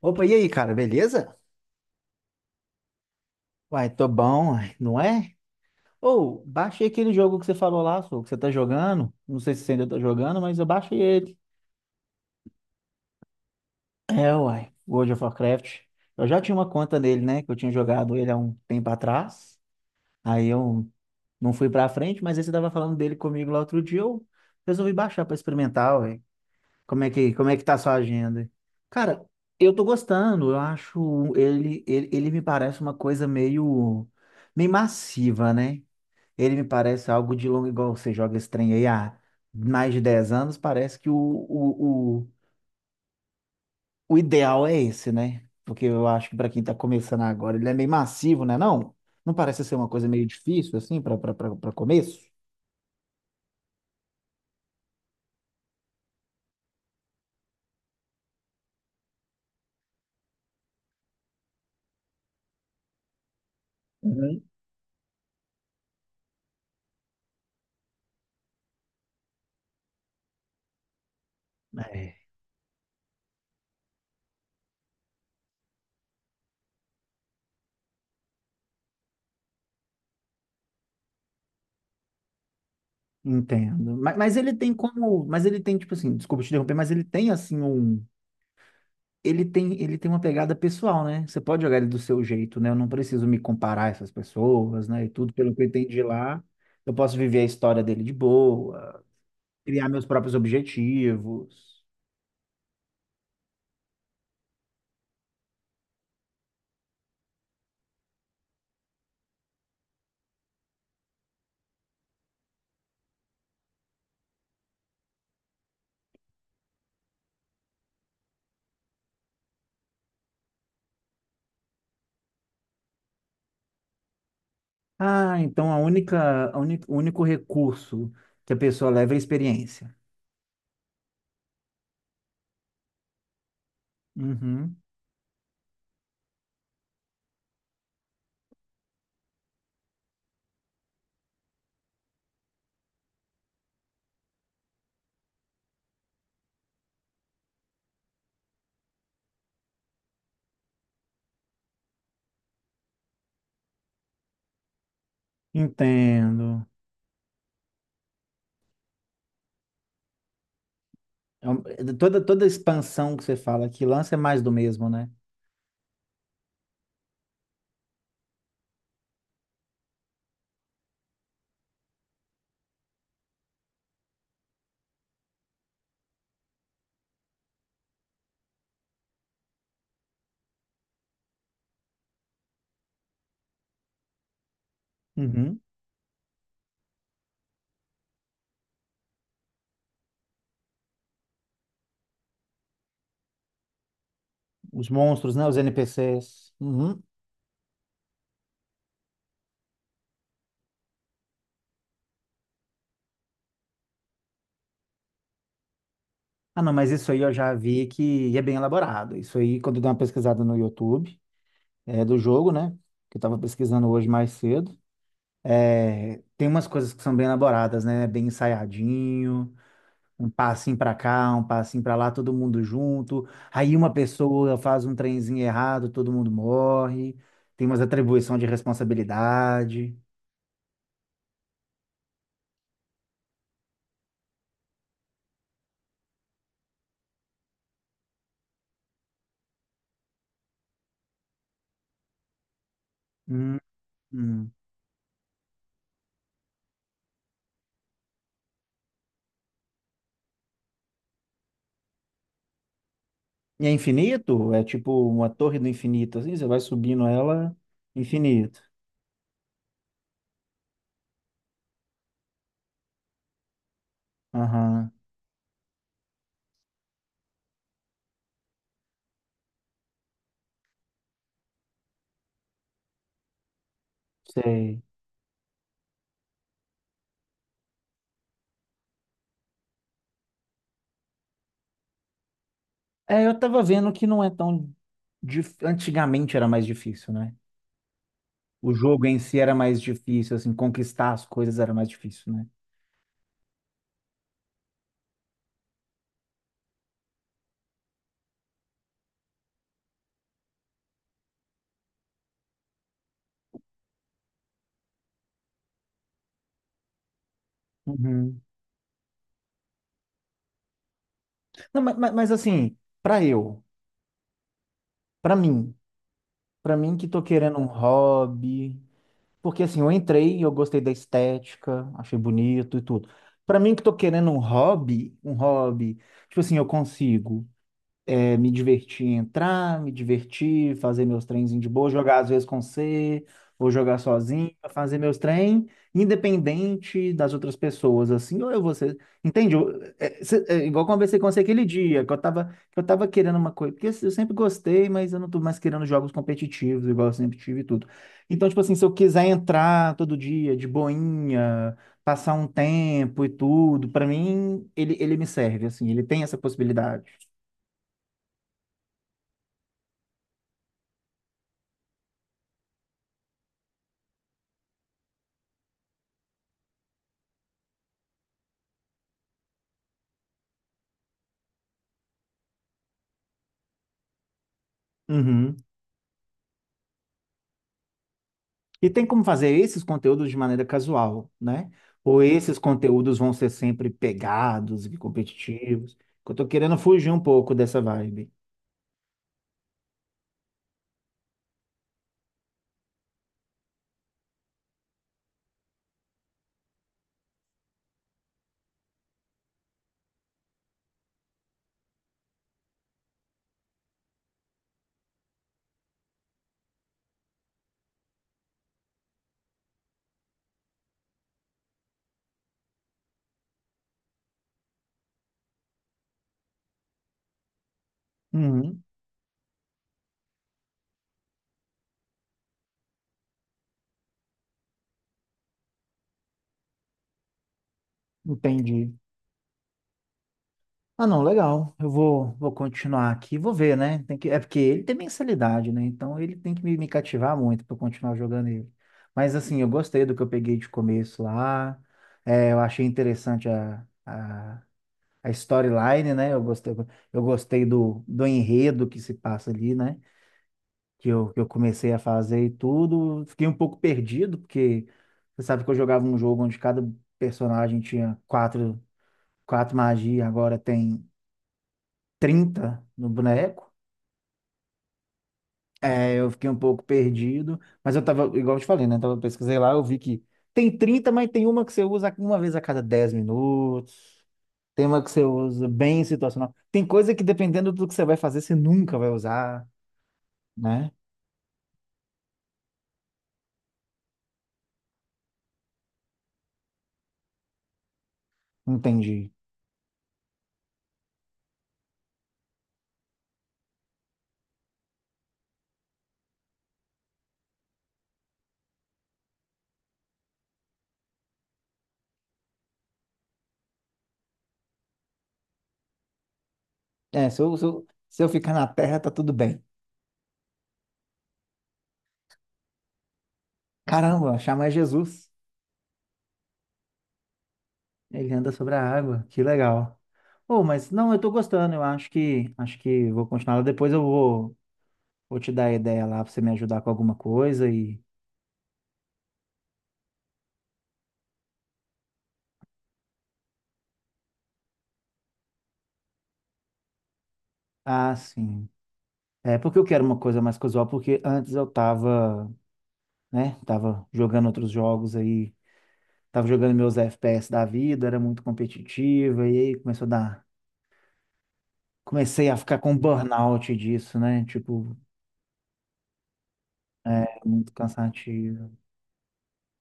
Opa, e aí, cara, beleza? Uai, tô bom, uai, não é? Ou, baixei aquele jogo que você falou lá, sô, que você tá jogando. Não sei se você ainda tá jogando, mas eu baixei ele. É, uai, World of Warcraft. Eu já tinha uma conta nele, né? Que eu tinha jogado ele há um tempo atrás. Aí eu não fui pra frente, mas aí você tava falando dele comigo lá outro dia. Eu resolvi baixar pra experimentar, uai. Como é que tá a sua agenda? Cara, eu tô gostando. Eu acho ele me parece uma coisa meio massiva, né? Ele me parece algo de longo, igual você joga esse trem aí há mais de 10 anos, parece que o ideal é esse, né? Porque eu acho que para quem tá começando agora, ele é meio massivo, né? Não? Não parece ser uma coisa meio difícil, assim, para começo? Uhum. É. Entendo. Mas ele tem como. Mas ele tem, tipo assim, desculpa te interromper, mas ele tem, assim, um. Ele tem uma pegada pessoal, né? Você pode jogar ele do seu jeito, né? Eu não preciso me comparar a essas pessoas, né? E tudo pelo que eu entendi lá, eu posso viver a história dele de boa, criar meus próprios objetivos. Ah, então a única, a uni- o único recurso que a pessoa leva é a experiência. Uhum. Entendo. É toda expansão que você fala que lança é mais do mesmo, né? Uhum. Os monstros, né? Os NPCs. Uhum. Ah, não, mas isso aí eu já vi que é bem elaborado. Isso aí, quando eu dei uma pesquisada no YouTube, é do jogo, né? Que eu tava pesquisando hoje mais cedo. É, tem umas coisas que são bem elaboradas, né? Bem ensaiadinho, um passinho pra cá, um passinho pra lá, todo mundo junto. Aí uma pessoa faz um trenzinho errado, todo mundo morre. Tem umas atribuição de responsabilidade. Hum, hum. E é infinito? É tipo uma torre do infinito, assim, você vai subindo ela, infinito. Aham. Sei. É, eu tava vendo que não é tão. Antigamente era mais difícil, né? O jogo em si era mais difícil, assim, conquistar as coisas era mais difícil, né? Uhum. Não, mas, assim, pra eu, pra mim, pra mim que tô querendo um hobby, porque assim, eu entrei, eu gostei da estética, achei bonito e tudo. Pra mim que tô querendo um hobby, tipo assim, eu consigo. É, me divertir em entrar, me divertir, fazer meus trenzinhos de boa, jogar às vezes com você, ou jogar sozinho, fazer meus trem, independente das outras pessoas, assim, ou eu vou ser. Entende? É igual eu conversei com você aquele dia, que eu tava querendo uma coisa, porque assim, eu sempre gostei, mas eu não tô mais querendo jogos competitivos, igual eu sempre tive e tudo. Então, tipo assim, se eu quiser entrar todo dia de boinha, passar um tempo e tudo, pra mim, ele me serve, assim, ele tem essa possibilidade. Uhum. E tem como fazer esses conteúdos de maneira casual, né? Ou esses conteúdos vão ser sempre pegados e competitivos? Que eu tô querendo fugir um pouco dessa vibe. Uhum, entendi. Ah, não, legal. Eu vou continuar aqui, vou ver, né? Tem que, é porque ele tem mensalidade, né? Então ele tem que me cativar muito para continuar jogando ele. Mas assim, eu gostei do que eu peguei de começo lá. É, eu achei interessante a storyline, né? Eu gostei do enredo que se passa ali, né? Que eu comecei a fazer e tudo. Fiquei um pouco perdido, porque você sabe que eu jogava um jogo onde cada personagem tinha quatro magias, agora tem 30 no boneco. É, eu fiquei um pouco perdido, mas eu tava, igual eu te falei, né? Então eu pesquisei lá, eu vi que tem 30, mas tem uma que você usa uma vez a cada 10 minutos. Tema que você usa bem situacional. Tem coisa que dependendo do que você vai fazer, você nunca vai usar, né? Entendi. É, se eu ficar na terra, tá tudo bem. Caramba, chama Jesus. Ele anda sobre a água, que legal. Oh, mas não, eu tô gostando, eu acho que vou continuar. Depois eu vou te dar a ideia lá pra você me ajudar com alguma coisa e. Ah, sim. É porque eu quero uma coisa mais casual, porque antes eu tava, né, tava jogando outros jogos aí tava jogando meus FPS da vida, era muito competitiva, e aí começou a dar. Comecei a ficar com burnout disso, né? Tipo, é muito cansativo.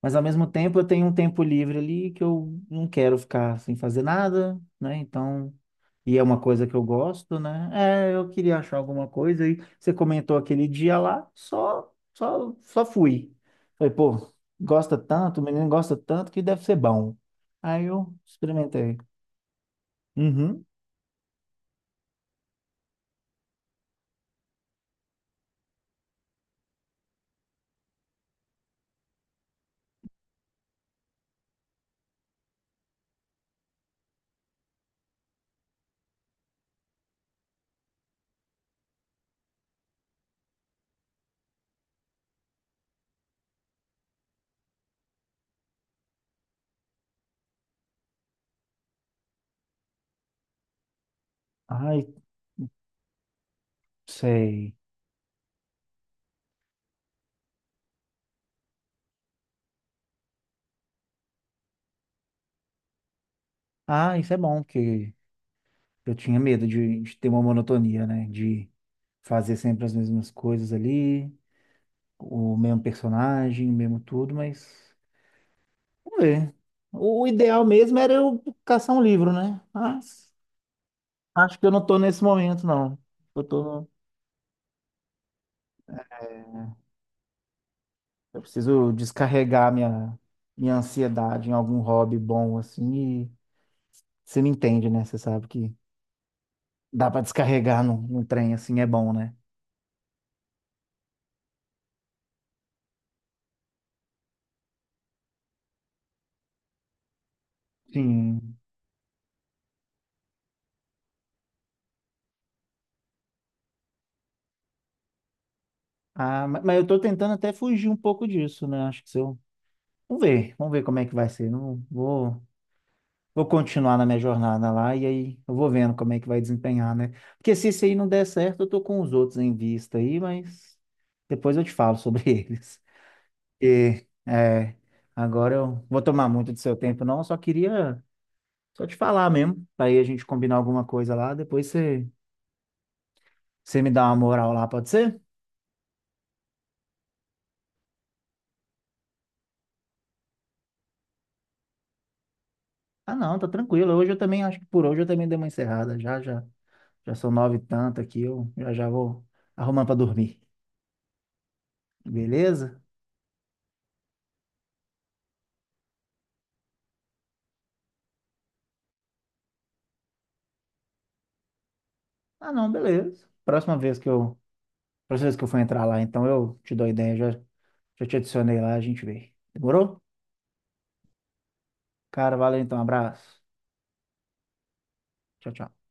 Mas ao mesmo tempo eu tenho um tempo livre ali que eu não quero ficar sem fazer nada, né? Então, e é uma coisa que eu gosto, né? É, eu queria achar alguma coisa e você comentou aquele dia lá, só fui. Falei, pô, gosta tanto, o menino gosta tanto que deve ser bom. Aí eu experimentei. Uhum. Ai, sei. Ah, isso é bom, porque eu tinha medo de ter uma monotonia, né? De fazer sempre as mesmas coisas ali, o mesmo personagem, o mesmo tudo, mas vamos ver. O, ideal mesmo era eu caçar um livro, né? Mas acho que eu não tô nesse momento, não. Eu tô, eu preciso descarregar minha ansiedade em algum hobby bom, assim, e você me entende, né? Você sabe que dá pra descarregar num trem assim é bom, né? Sim. Ah, mas eu tô tentando até fugir um pouco disso, né? Acho que se eu. Vamos ver como é que vai ser. Não vou, vou continuar na minha jornada lá e aí eu vou vendo como é que vai desempenhar, né? Porque se isso aí não der certo, eu tô com os outros em vista aí, mas depois eu te falo sobre eles. E, é, agora eu vou tomar muito do seu tempo, não. Eu só queria só te falar mesmo, para aí a gente combinar alguma coisa lá. Depois você me dá uma moral lá, pode ser? Ah, não, tá tranquilo. Hoje eu também acho que por hoje eu também dei uma encerrada já já. Já são nove e tanto aqui, eu já já vou arrumando para dormir. Beleza? Ah, não, beleza. Próxima vez que eu for entrar lá, então eu te dou ideia, já, já te adicionei lá, a gente vê. Demorou? Cara, valeu então, abraço. Tchau, tchau.